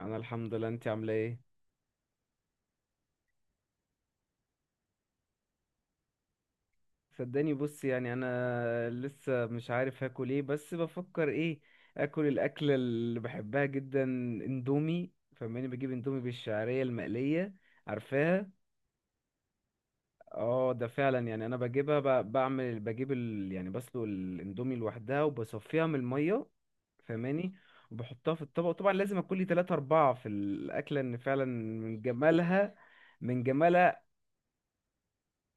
انا الحمد لله، انت عامله ايه؟ صدقني بص، يعني انا لسه مش عارف هاكل ايه، بس بفكر ايه. اكل الاكله اللي بحبها جدا، اندومي. فماني بجيب اندومي بالشعريه المقليه. عارفاها. اه، ده فعلا. يعني انا بجيبها يعني بسلق الاندومي لوحدها وبصفيها من الميه. فماني وبحطها في الطبق، وطبعا لازم اكل لي 3 4 في الاكله، ان فعلا من جمالها. من جمالها.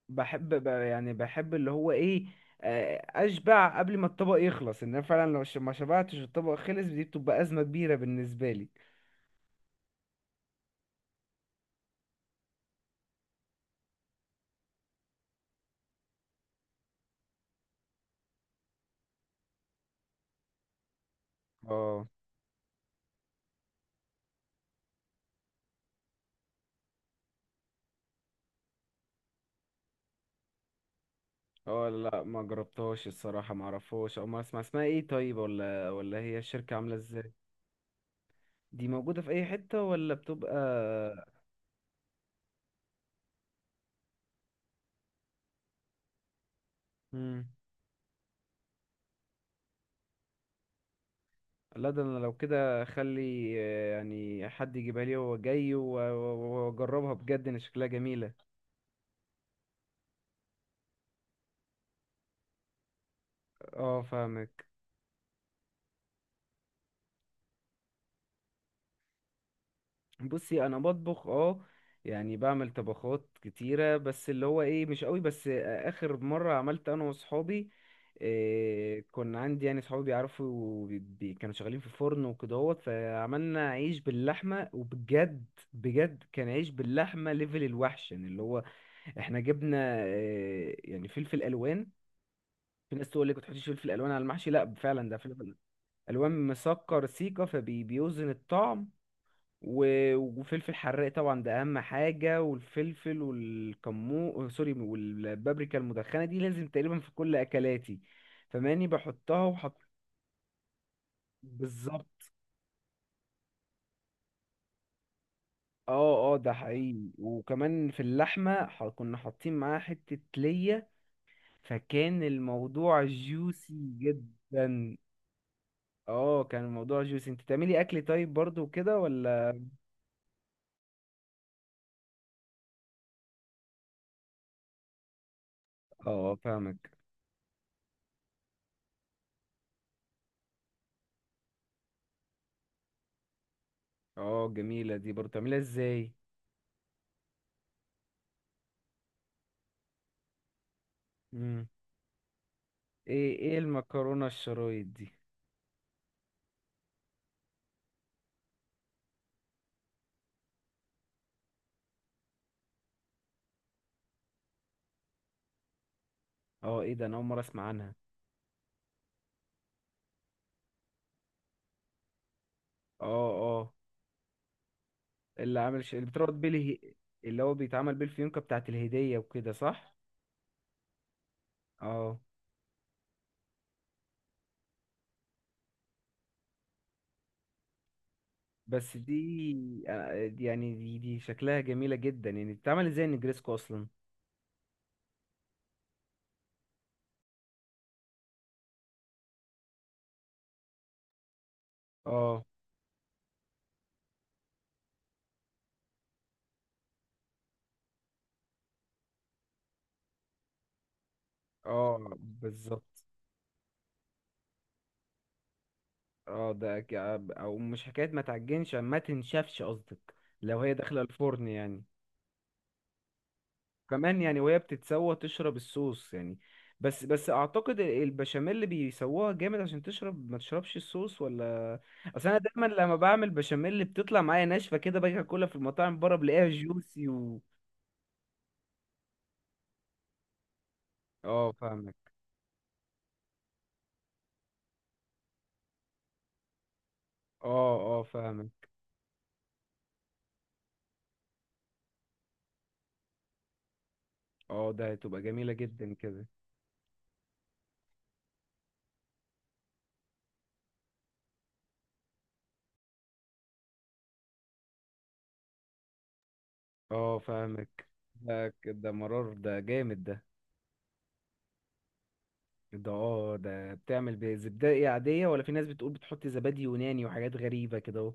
بحب يعني بحب اللي هو ايه، اشبع قبل ما الطبق يخلص. ان انا فعلا لو ما شبعتش الطبق، خلص دي بتبقى ازمه كبيره بالنسبه لي. اه. اه، لا ما جربتهاش الصراحة، ما اعرفهاش، او ما اسمع اسمها ايه. طيب، ولا هي الشركة عاملة ازاي؟ دي موجوده في اي حته ولا بتبقى؟ مم. لا، ده انا لو كده اخلي يعني حد يجيبها لي وهو جاي واجربها، بجد ان شكلها جميلة. اه فاهمك. بصي انا بطبخ، اه. يعني بعمل طبخات كتيرة، بس اللي هو ايه مش قوي. بس اخر مرة عملت انا وصحابي، إيه، كنا عندي، يعني صحابي بيعرفوا كانوا شغالين في فرن وكدهوت، فعملنا عيش باللحمة، وبجد بجد كان عيش باللحمة ليفل الوحش. يعني اللي هو احنا جبنا إيه، يعني فلفل الوان. في ناس تقول لك ما تحطيش فلفل الوان على المحشي، لا فعلا ده فلفل الوان مسكر سيكا، فبيوزن الطعم. وفلفل حراق طبعا، ده اهم حاجه، والفلفل والكمو سوري، والبابريكا المدخنه، دي لازم تقريبا في كل اكلاتي. فماني بحطها وحط. بالظبط. اه اه، ده حقيقي. وكمان في اللحمه كنا حاطين معاها حته ليا، فكان الموضوع جوسي جدا. اه، كان الموضوع جوسي. انت تعملي اكل طيب برضو كده ولا؟ اه فاهمك. اه جميله، دي برضو تعمليها ازاي؟ مم. ايه ايه المكرونه الشرايط دي؟ اه ايه ده، انا اول مره اسمع عنها. اه. اه. اللي بتربط بيه اللي هو بيتعمل بيه الفيونكه بتاعه الهديه وكده، صح؟ اه. بس دي يعني دي شكلها جميله جدا. يعني بتتعمل ازاي النجريسكو اصلا؟ اه. اه بالظبط. اه ده ك- او مش حكايه ما تعجنش، ما تنشفش قصدك، لو هي داخله الفرن يعني. كمان يعني وهي بتتسوى تشرب الصوص يعني. بس اعتقد البشاميل اللي بيسووها جامد عشان تشرب، ما تشربش الصوص ولا؟ اصل انا دايما لما بعمل بشاميل بتطلع معايا ناشفه كده، باجي اكلها في المطاعم بره بلاقيها جوسي و… اه فاهمك. اه اه فاهمك. اه ده هتبقى جميله جدا كده. اه فاهمك. ده مرار ده، جامد ده. اه ده بتعمل بزبدة عادية، ولا في ناس بتقول بتحط زبادي يوناني وحاجات غريبة كده؟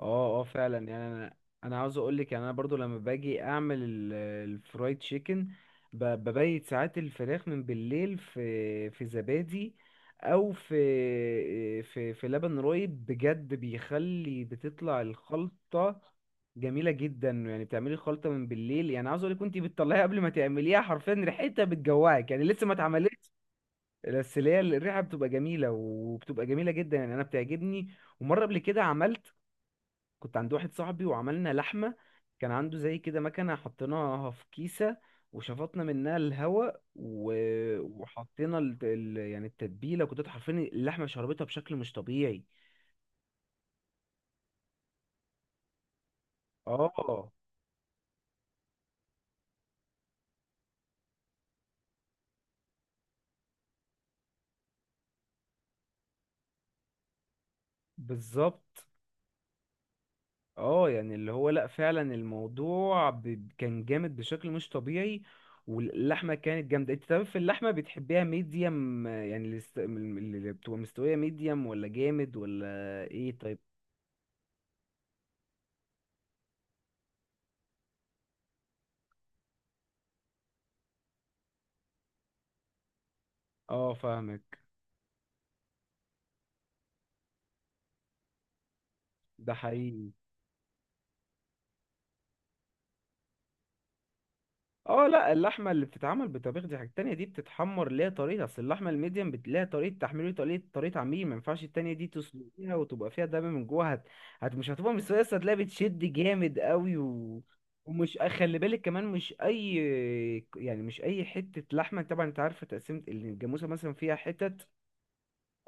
اه اه فعلا. يعني انا عاوز اقول لك، يعني انا برضو لما باجي اعمل الفرايد تشيكن، ببيت ساعات الفراخ من بالليل في زبادي، او في في لبن رايب، بجد بيخلي بتطلع الخلطة جميلة جدا. يعني بتعملي الخلطة من بالليل، يعني عاوز اقول لك كنت بتطلعيها قبل ما تعمليها حرفيا، ريحتها بتجوعك، يعني لسه ما اتعملتش. بس اللي هي الريحة بتبقى جميلة، وبتبقى جميلة جدا، يعني انا بتعجبني. ومرة قبل كده عملت، كنت عند واحد صاحبي وعملنا لحمة، كان عنده زي كده مكنة، حطيناها في كيسة وشفطنا منها الهواء، و… وحطينا يعني التتبيلة، كنت حرفيا اللحمة شربتها بشكل مش طبيعي. اه بالظبط. اه، يعني اللي هو لا فعلا الموضوع كان جامد بشكل مش طبيعي، واللحمة كانت جامدة. انت طب في اللحمة بتحبيها ميديم، يعني اللي بتبقى مستوية ميديم، ولا جامد، ولا ايه، طيب؟ اه فاهمك. ده حقيقي. اه، لا، اللحمه اللي بتتعمل بطبيخ دي حاجه تانية، دي بتتحمر ليها طريقه. اصل اللحمه الميديم ليها طريقه تحميل، وليها طريقه عميل، ما ينفعش التانية دي تسلقيها وتبقى فيها دم من جوه، هت... هت مش هتبقى مستويه، اصل هتلاقيها بتشد جامد قوي و… ومش خلي بالك كمان، مش اي حته لحمه. طبعا انت عارفه تقسيمه الجاموسه مثلا فيها حتت.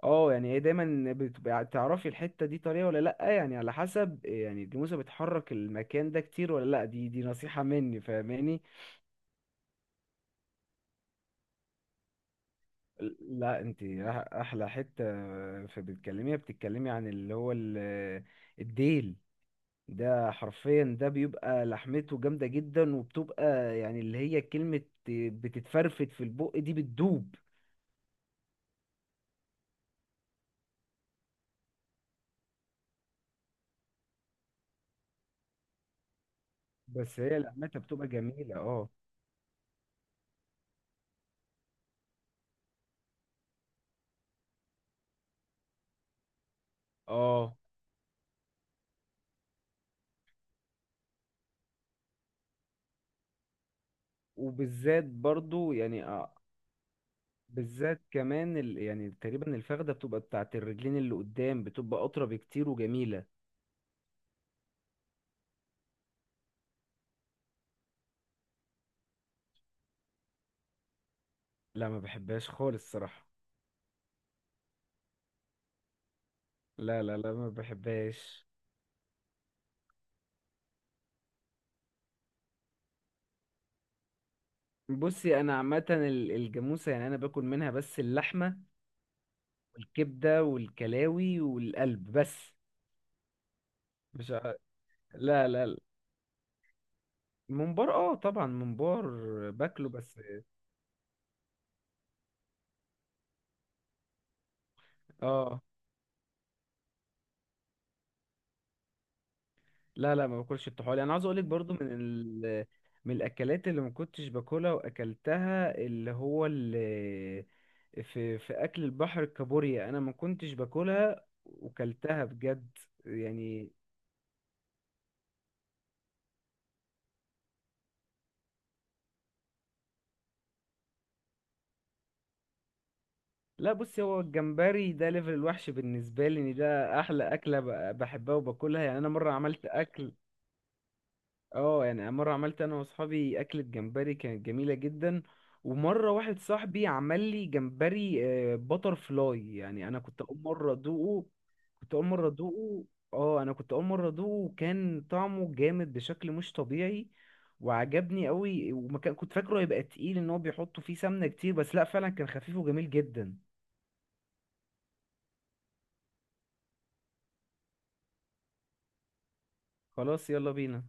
اه، يعني هي دايما بتبقى تعرفي الحته دي طريه ولا لا، يعني على حسب. يعني الجاموسه بتحرك المكان ده كتير ولا لا، دي نصيحه مني، فاهماني؟ لا انت احلى حته في بتكلميها، بتتكلمي عن اللي هو الديل، ده حرفيا ده بيبقى لحمته جامده جدا، وبتبقى يعني اللي هي كلمه بتتفرفت في البق، دي بتدوب. بس هي لحمتها بتبقى جميله، اه. اه، وبالذات برضو يعني بالذات كمان يعني تقريبا الفخده بتبقى بتاعت الرجلين اللي قدام، بتبقى اطرى بكتير وجميله. لا ما بحبهاش خالص الصراحه. لا لا لا، ما بحبهاش. بصي انا عامه الجاموسه يعني انا باكل منها بس اللحمه والكبده والكلاوي والقلب بس. مش ع... لا لا لا. الممبار، اه طبعا ممبار باكله، بس. اه. لا لا، ما باكلش الطحالي. انا عاوز اقولك برضو من الاكلات اللي ما كنتش باكلها واكلتها اللي هو في اكل البحر، الكابوريا. انا ما كنتش باكلها وكلتها بجد، يعني. لا بص، هو الجمبري ده ليفل الوحش بالنسبة لي، ان ده احلى اكلة بحبها وباكلها. يعني انا مرة عملت اكل، اه، يعني مرة عملت انا واصحابي اكلة جمبري كانت جميلة جدا. ومرة واحد صاحبي عمل لي جمبري باتر فلاي، يعني انا كنت اول مرة ادوقه. كنت اول مرة ادوقه اه انا كنت اول مرة ادوقه، وكان طعمه جامد بشكل مش طبيعي، وعجبني قوي. ومكان كنت فاكره هيبقى تقيل ان هو بيحطوا فيه سمنة كتير، بس لا فعلا كان خفيف وجميل جدا. خلاص يلا بينا.